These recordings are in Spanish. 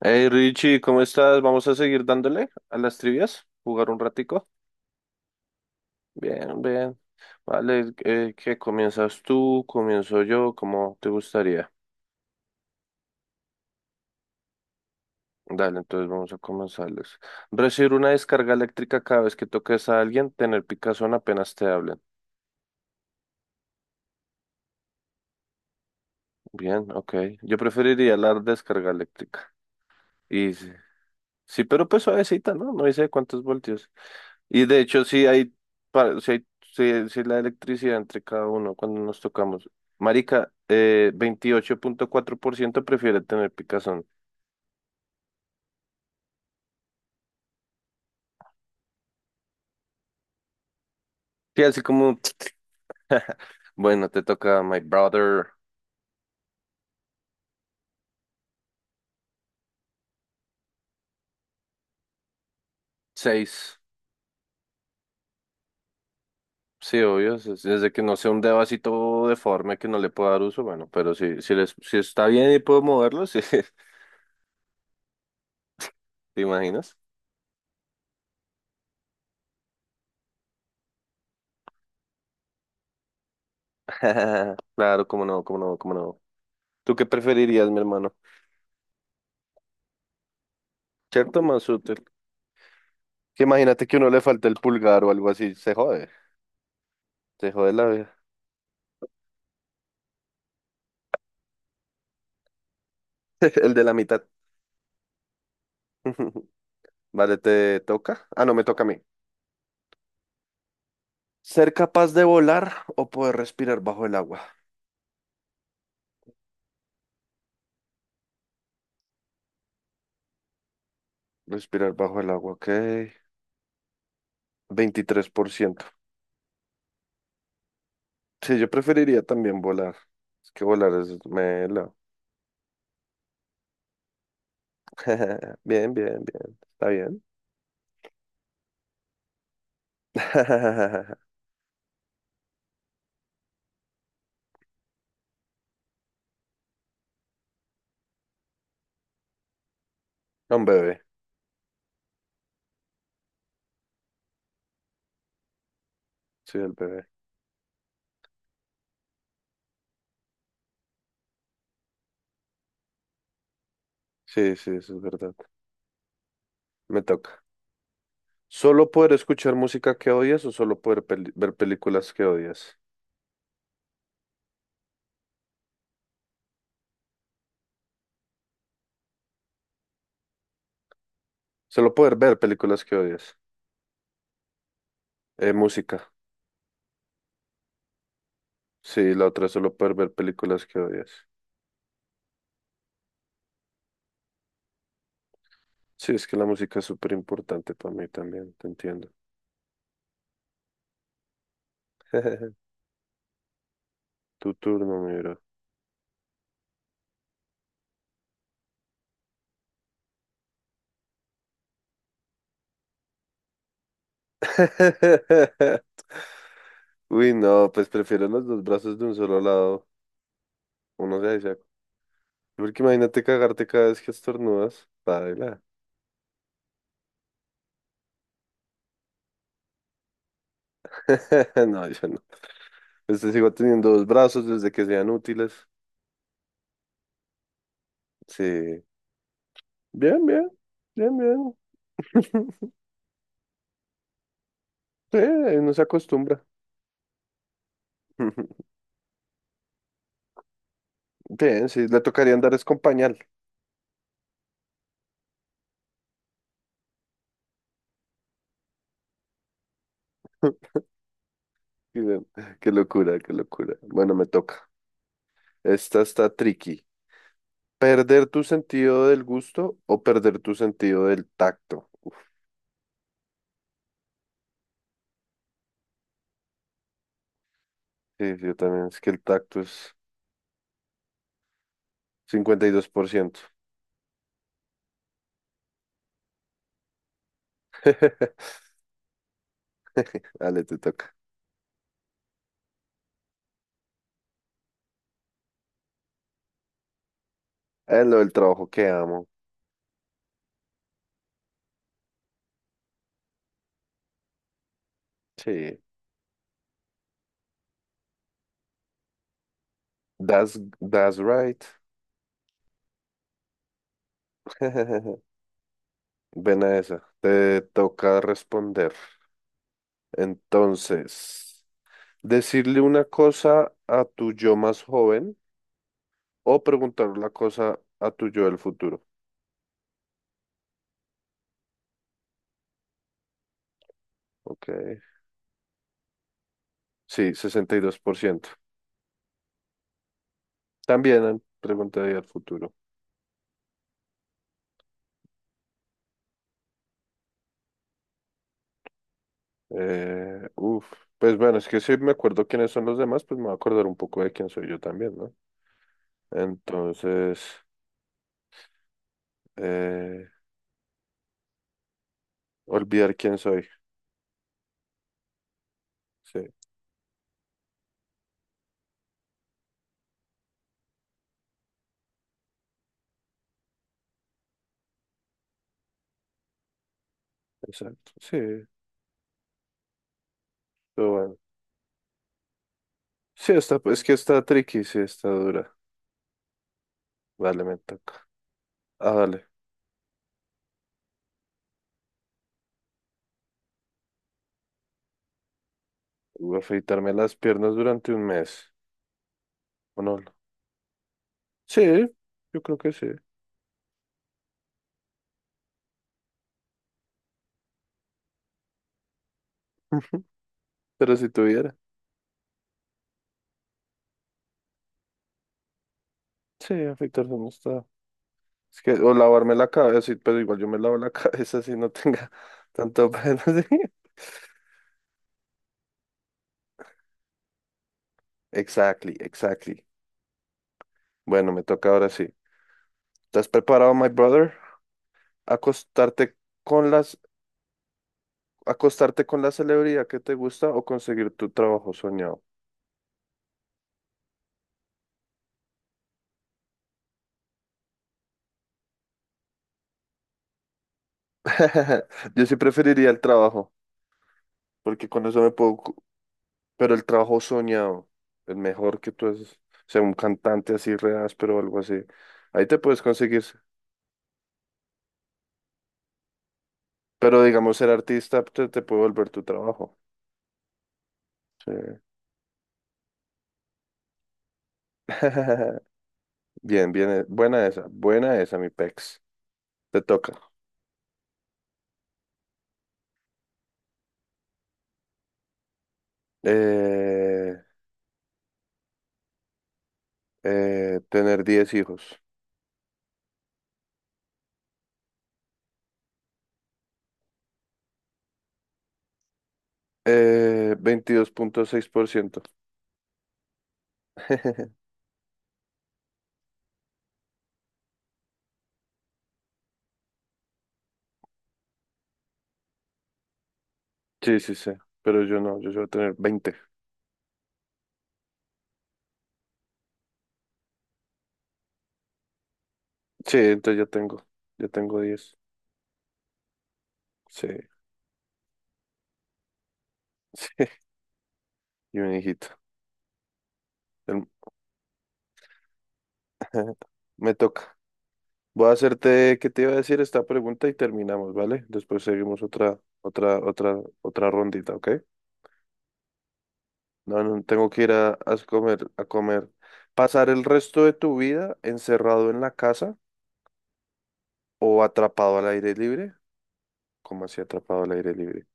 Hey Richie, ¿cómo estás? Vamos a seguir dándole a las trivias, jugar un ratico. Bien, bien. Vale, ¿qué comienzas tú? ¿Comienzo yo? ¿Cómo te gustaría? Dale, entonces vamos a comenzarles. Recibir una descarga eléctrica cada vez que toques a alguien, tener picazón apenas te hablen. Bien, ok. Yo preferiría la descarga eléctrica. Y sí, sí, pero pues suavecita, ¿no? No dice cuántos voltios. Y de hecho, sí hay, sí hay, sí la electricidad entre cada uno cuando nos tocamos. Marica, 28,4% prefiere tener picazón. Sí, así como, bueno, te toca My Brother. Seis. Sí, obvio, desde que no sea un dedo así todo deforme que no le pueda dar uso, bueno, pero si, si, les, si está bien y puedo moverlo, sí. ¿Te imaginas? Claro, cómo no, cómo no, cómo no. ¿Tú qué preferirías, mi hermano? ¿Cierto, Masute? Que imagínate que uno le falta el pulgar o algo así, se jode. Te jode la vida. El de la mitad. Vale, te toca. Ah, no, me toca a mí. Ser capaz de volar o poder respirar bajo el agua. Respirar bajo el agua, ok. 23%. Sí, yo preferiría también volar. Es que volar es melo. Bien, bien, bien. ¿Está bien? Un bebé. Sí, el bebé. Sí, sí, eso es verdad. Me toca. ¿Solo poder escuchar música que odias o solo poder ver películas que odias? Solo poder ver películas que odias. Música. Sí, la otra es solo poder ver películas que odias. Sí, es que la música es súper importante para mí también, te entiendo. Tu turno, mi bro. Uy, no, pues prefiero los dos brazos de un solo lado. Uno se dice, porque imagínate cagarte cada vez que estornudas. Paila. No, yo no. Este sigo teniendo dos brazos desde que sean útiles. Sí. Bien, bien. Bien, bien. Sí, no se acostumbra. Bien, sí, le tocaría andar es con pañal. Qué, qué locura, qué locura. Bueno, me toca. Esta está tricky. ¿Perder tu sentido del gusto o perder tu sentido del tacto? Uf, sí, yo también. Es que el tacto es 52%. Dale, te toca. Es lo del trabajo que amo. Sí. That's, that's right. Ven a esa. Te toca responder. Entonces, decirle una cosa a tu yo más joven o preguntar una cosa a tu yo del futuro. Ok. Sí, 62%. También preguntaría al futuro. Uf. Pues bueno, es que si me acuerdo quiénes son los demás, pues me voy a acordar un poco de quién soy yo también, ¿no? Entonces, eh, olvidar quién soy. Sí, exacto. Sí, pero bueno. Sí, está, es que está tricky, sí, está dura. Vale, me toca. Ah, dale. Voy a afeitarme las piernas durante un mes. ¿O no? Sí, yo creo que sí. Pero si tuviera. Sí, afeitarse no está. Es que, o lavarme la cabeza, sí, pero igual yo me lavo la cabeza si no tenga tanto pelo así. Exactly, exactly. Bueno, me toca ahora sí. ¿Estás preparado, my brother? Acostarte con las, acostarte con la celebridad que te gusta o conseguir tu trabajo soñado. Yo sí preferiría el trabajo, porque con eso me puedo, pero el trabajo soñado, el mejor que tú es, sea, un cantante así re áspero algo así. Ahí te puedes conseguir, pero digamos ser artista te, te puede volver tu trabajo. Sí. Bien, bien, buena esa, mi pex. Te toca. Eh, tener 10 hijos. Veintidós punto seis por ciento. Sí, sí, sí, pero yo no, yo voy a tener 20. Sí, entonces ya tengo 10. Sí, sí, y un hijito. El- Me toca. Voy a hacerte, ¿qué te iba a decir esta pregunta y terminamos, ¿vale? Después seguimos otra, otra, otra, otra rondita, ¿ok? No, no, tengo que ir a comer, a comer. ¿Pasar el resto de tu vida encerrado en la casa o atrapado al aire libre? ¿Cómo así atrapado al aire libre?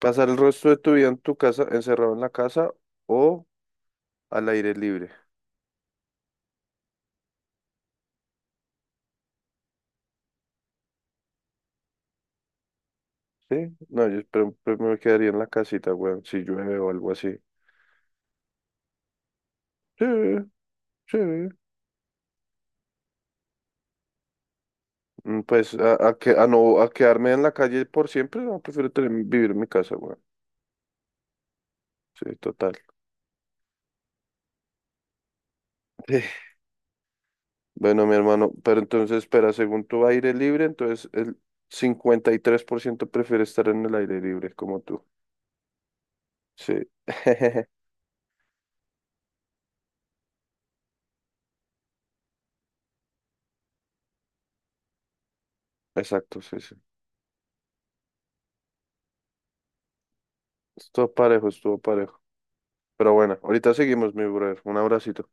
¿Pasar el resto de tu vida en tu casa, encerrado en la casa o al aire libre? ¿Sí? No, yo espero- pues me quedaría en la casita, weón, si llueve o algo así. Sí, sí. Mm, pues a, que, a no a quedarme en la calle por siempre, no, prefiero tener- vivir en mi casa, weón. Sí, total. Bueno, mi hermano, pero entonces espera, según tu aire libre, entonces el 53% prefiere estar en el aire libre, como tú. Sí, exacto, sí, sí. Estuvo parejo, estuvo parejo. Pero bueno, ahorita seguimos, mi brother. Un abracito.